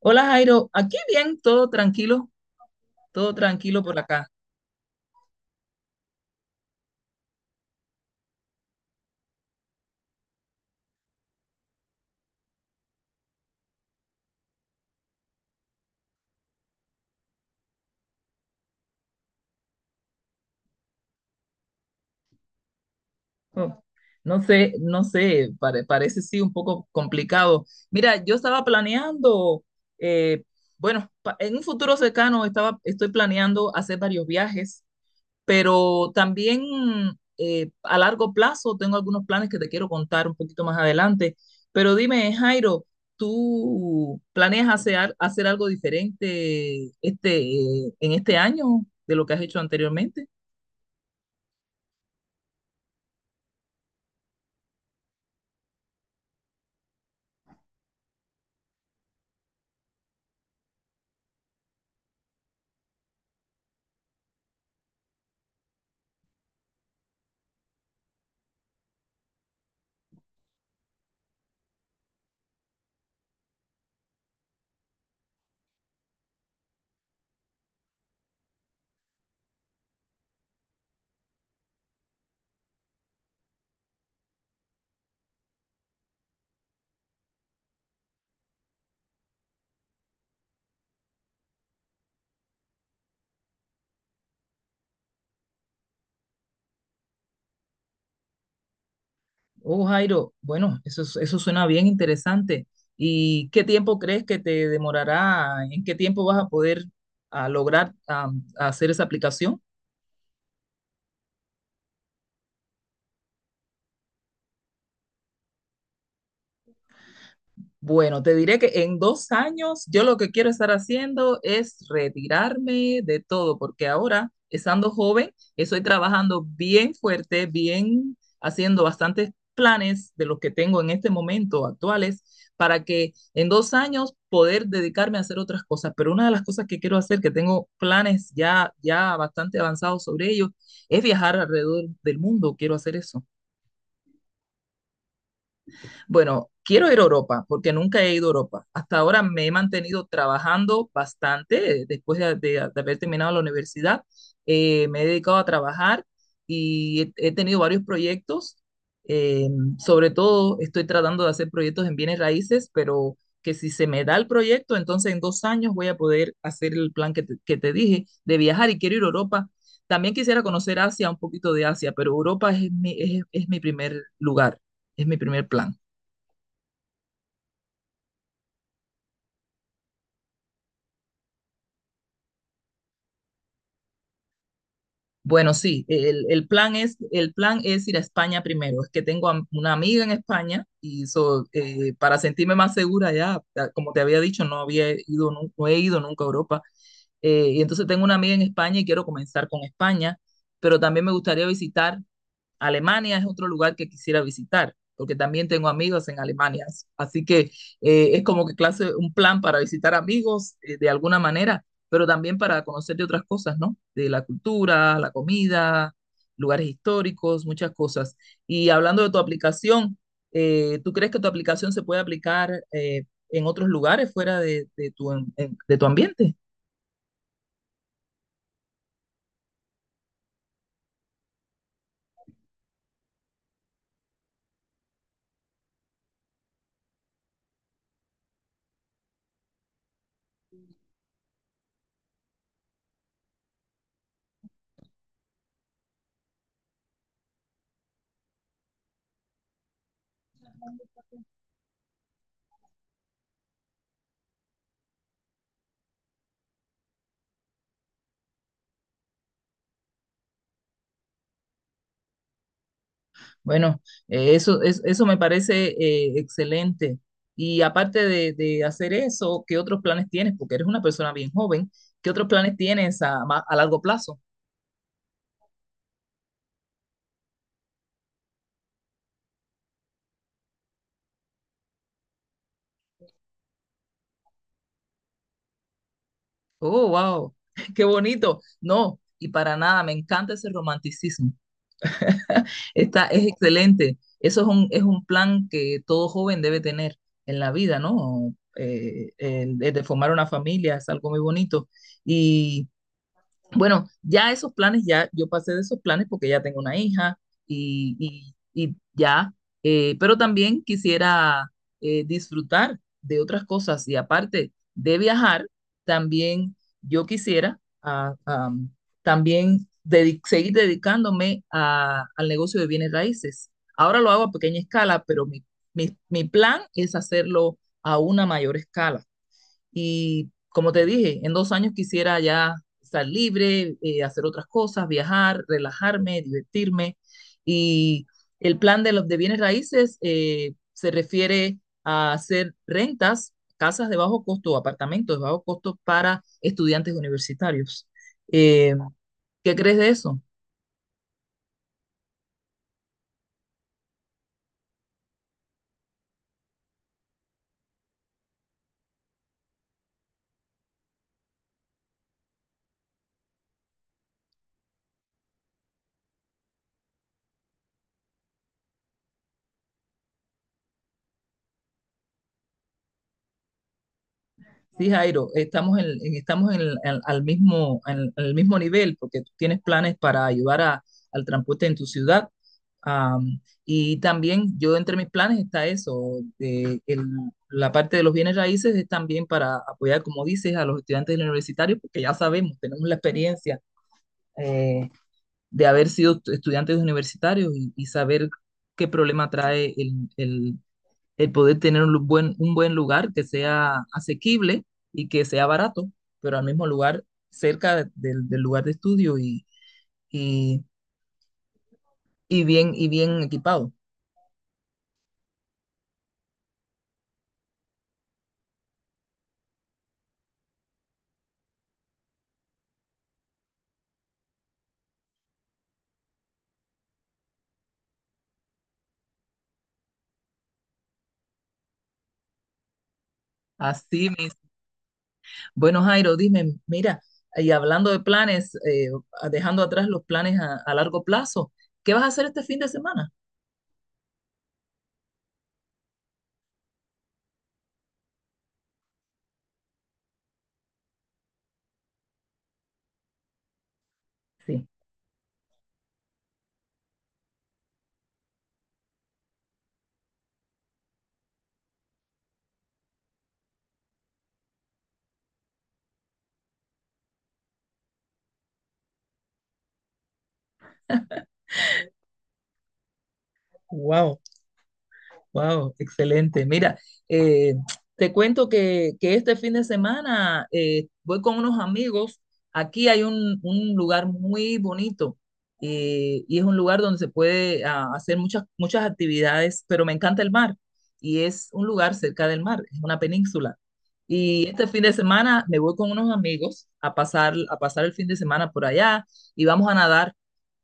Hola Jairo, aquí bien, todo tranquilo por acá. Oh, no sé, parece sí un poco complicado. Mira, yo estaba planeando, eh, bueno, en un futuro cercano estoy planeando hacer varios viajes, pero también a largo plazo tengo algunos planes que te quiero contar un poquito más adelante. Pero dime, Jairo, ¿tú planeas hacer algo diferente en este año de lo que has hecho anteriormente? Oh, Jairo, bueno, eso suena bien interesante. ¿Y qué tiempo crees que te demorará? ¿En qué tiempo vas a poder lograr hacer esa aplicación? Bueno, te diré que en 2 años yo lo que quiero estar haciendo es retirarme de todo, porque ahora, estando joven, estoy trabajando bien fuerte, bien haciendo bastantes planes de los que tengo en este momento actuales, para que en 2 años poder dedicarme a hacer otras cosas. Pero una de las cosas que quiero hacer, que tengo planes ya, ya bastante avanzados sobre ello, es viajar alrededor del mundo. Quiero hacer eso. Bueno, quiero ir a Europa porque nunca he ido a Europa. Hasta ahora me he mantenido trabajando bastante después de haber terminado la universidad. Me he dedicado a trabajar y he tenido varios proyectos. Eh, sobre todo estoy tratando de hacer proyectos en bienes raíces, pero que si se me da el proyecto, entonces en 2 años voy a poder hacer el plan que que te dije de viajar y quiero ir a Europa. También quisiera conocer Asia, un poquito de Asia, pero es mi primer lugar, es mi primer plan. Bueno, sí, el plan es ir a España primero. Es que tengo una amiga en España y para sentirme más segura como te había dicho, no había no he ido nunca a Europa. Y entonces tengo una amiga en España y quiero comenzar con España, pero también me gustaría visitar. Alemania es otro lugar que quisiera visitar, porque también tengo amigos en Alemania. Así que es como que clase, un plan para visitar amigos de alguna manera, pero también para conocer de otras cosas, ¿no? De la cultura, la comida, lugares históricos, muchas cosas. Y hablando de tu aplicación, ¿tú crees que tu aplicación se puede aplicar en otros lugares fuera de tu ambiente? Bueno, eso me parece excelente. Y aparte de hacer eso, ¿qué otros planes tienes? Porque eres una persona bien joven. ¿Qué otros planes tienes a largo plazo? Oh, wow, qué bonito. No, y para nada, me encanta ese romanticismo. Es excelente. Es un plan que todo joven debe tener en la vida, ¿no? El de formar una familia es algo muy bonito. Bueno, ya esos planes, ya yo pasé de esos planes porque ya tengo una hija y, y- y ya, pero también quisiera disfrutar de otras cosas y aparte de viajar, también yo quisiera también seguir dedicándome al negocio de bienes raíces. Ahora lo hago a pequeña escala, mi plan es hacerlo a una mayor escala. Y como te dije, en 2 años quisiera ya estar libre, hacer otras cosas, viajar, relajarme, divertirme. Y el plan de, los, de bienes raíces se refiere a hacer rentas, casas de bajo costo, apartamentos de bajo costo para estudiantes universitarios. Eh, ¿Qué crees de eso? Sí, Jairo, estamos al en el mismo nivel porque tú tienes planes para ayudar al transporte en tu ciudad. Am, y también yo entre mis planes está eso, la parte de los bienes raíces es también para apoyar, como dices, a los estudiantes universitarios, porque ya sabemos, tenemos la experiencia eh, de haber sido estudiantes universitarios y saber qué problema trae el el poder tener un un buen lugar que sea asequible y que sea barato, pero al mismo lugar cerca del lugar de estudio y, y bien equipado. Así mis. Bueno, Jairo, dime, mira, y hablando de planes, dejando atrás los planes a largo plazo, ¿qué vas a hacer este fin de semana? Sí. Wow. Wow, excelente. Mira, eh, te cuento que este fin de semana voy con unos amigos. Aquí hay un lugar muy bonito y es un lugar donde se puede hacer muchas actividades, pero me encanta el mar y es un lugar cerca del mar, es una península. Y este fin de semana me voy con unos amigos a a pasar el fin de semana por allá y vamos a nadar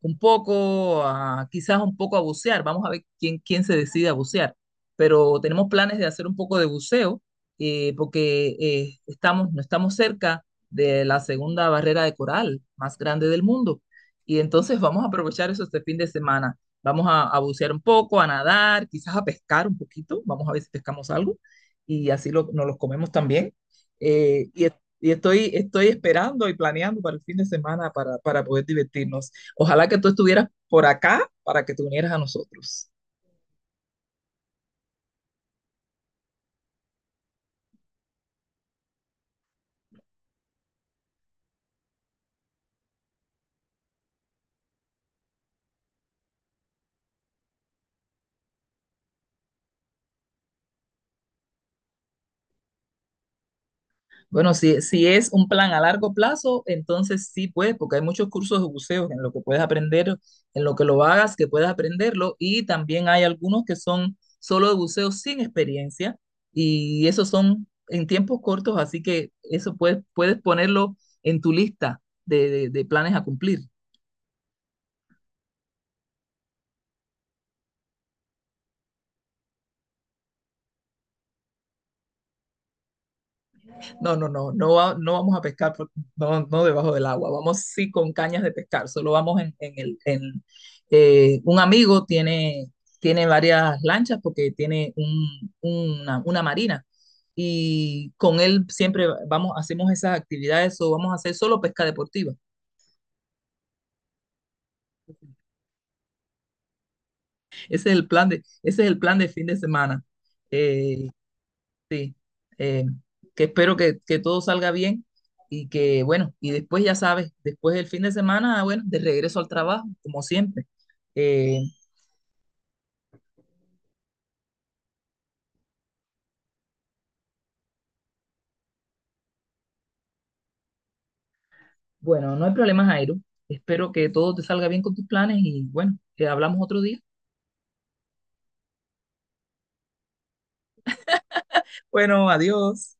un poco, quizás un poco a bucear. Vamos a ver quién se decide a bucear, pero tenemos planes de hacer un poco de buceo porque estamos, no estamos cerca de la segunda barrera de coral más grande del mundo. Y entonces vamos a aprovechar eso este fin de semana. Vamos a bucear un poco, a nadar, quizás a pescar un poquito. Vamos a ver si pescamos algo y así nos los comemos también. Eh, y es- y estoy, estoy esperando y planeando para el fin de semana para poder divertirnos. Ojalá que tú estuvieras por acá para que te unieras a nosotros. Bueno, si es un plan a largo plazo, entonces sí puedes, porque hay muchos cursos de buceo en lo que puedes aprender, en lo que lo hagas, que puedes aprenderlo, y también hay algunos que son solo de buceo sin experiencia, y esos son en tiempos cortos, así que eso puedes ponerlo en tu lista de planes a cumplir. No, no vamos a pescar no, no debajo del agua, vamos sí con cañas de pescar, solo vamos en. Un amigo tiene, tiene varias lanchas porque tiene una marina y con él siempre vamos, hacemos esas actividades o vamos a hacer solo pesca deportiva. Ese es el plan de, ese es el plan de fin de semana. Eh, Sí, eh, que espero que todo salga bien y que, bueno, y después ya sabes, después del fin de semana, bueno, de regreso al trabajo, como siempre. Eh, bueno, no hay problema, Jairo. Espero que todo te salga bien con tus planes y, bueno, que hablamos otro día. Bueno, adiós.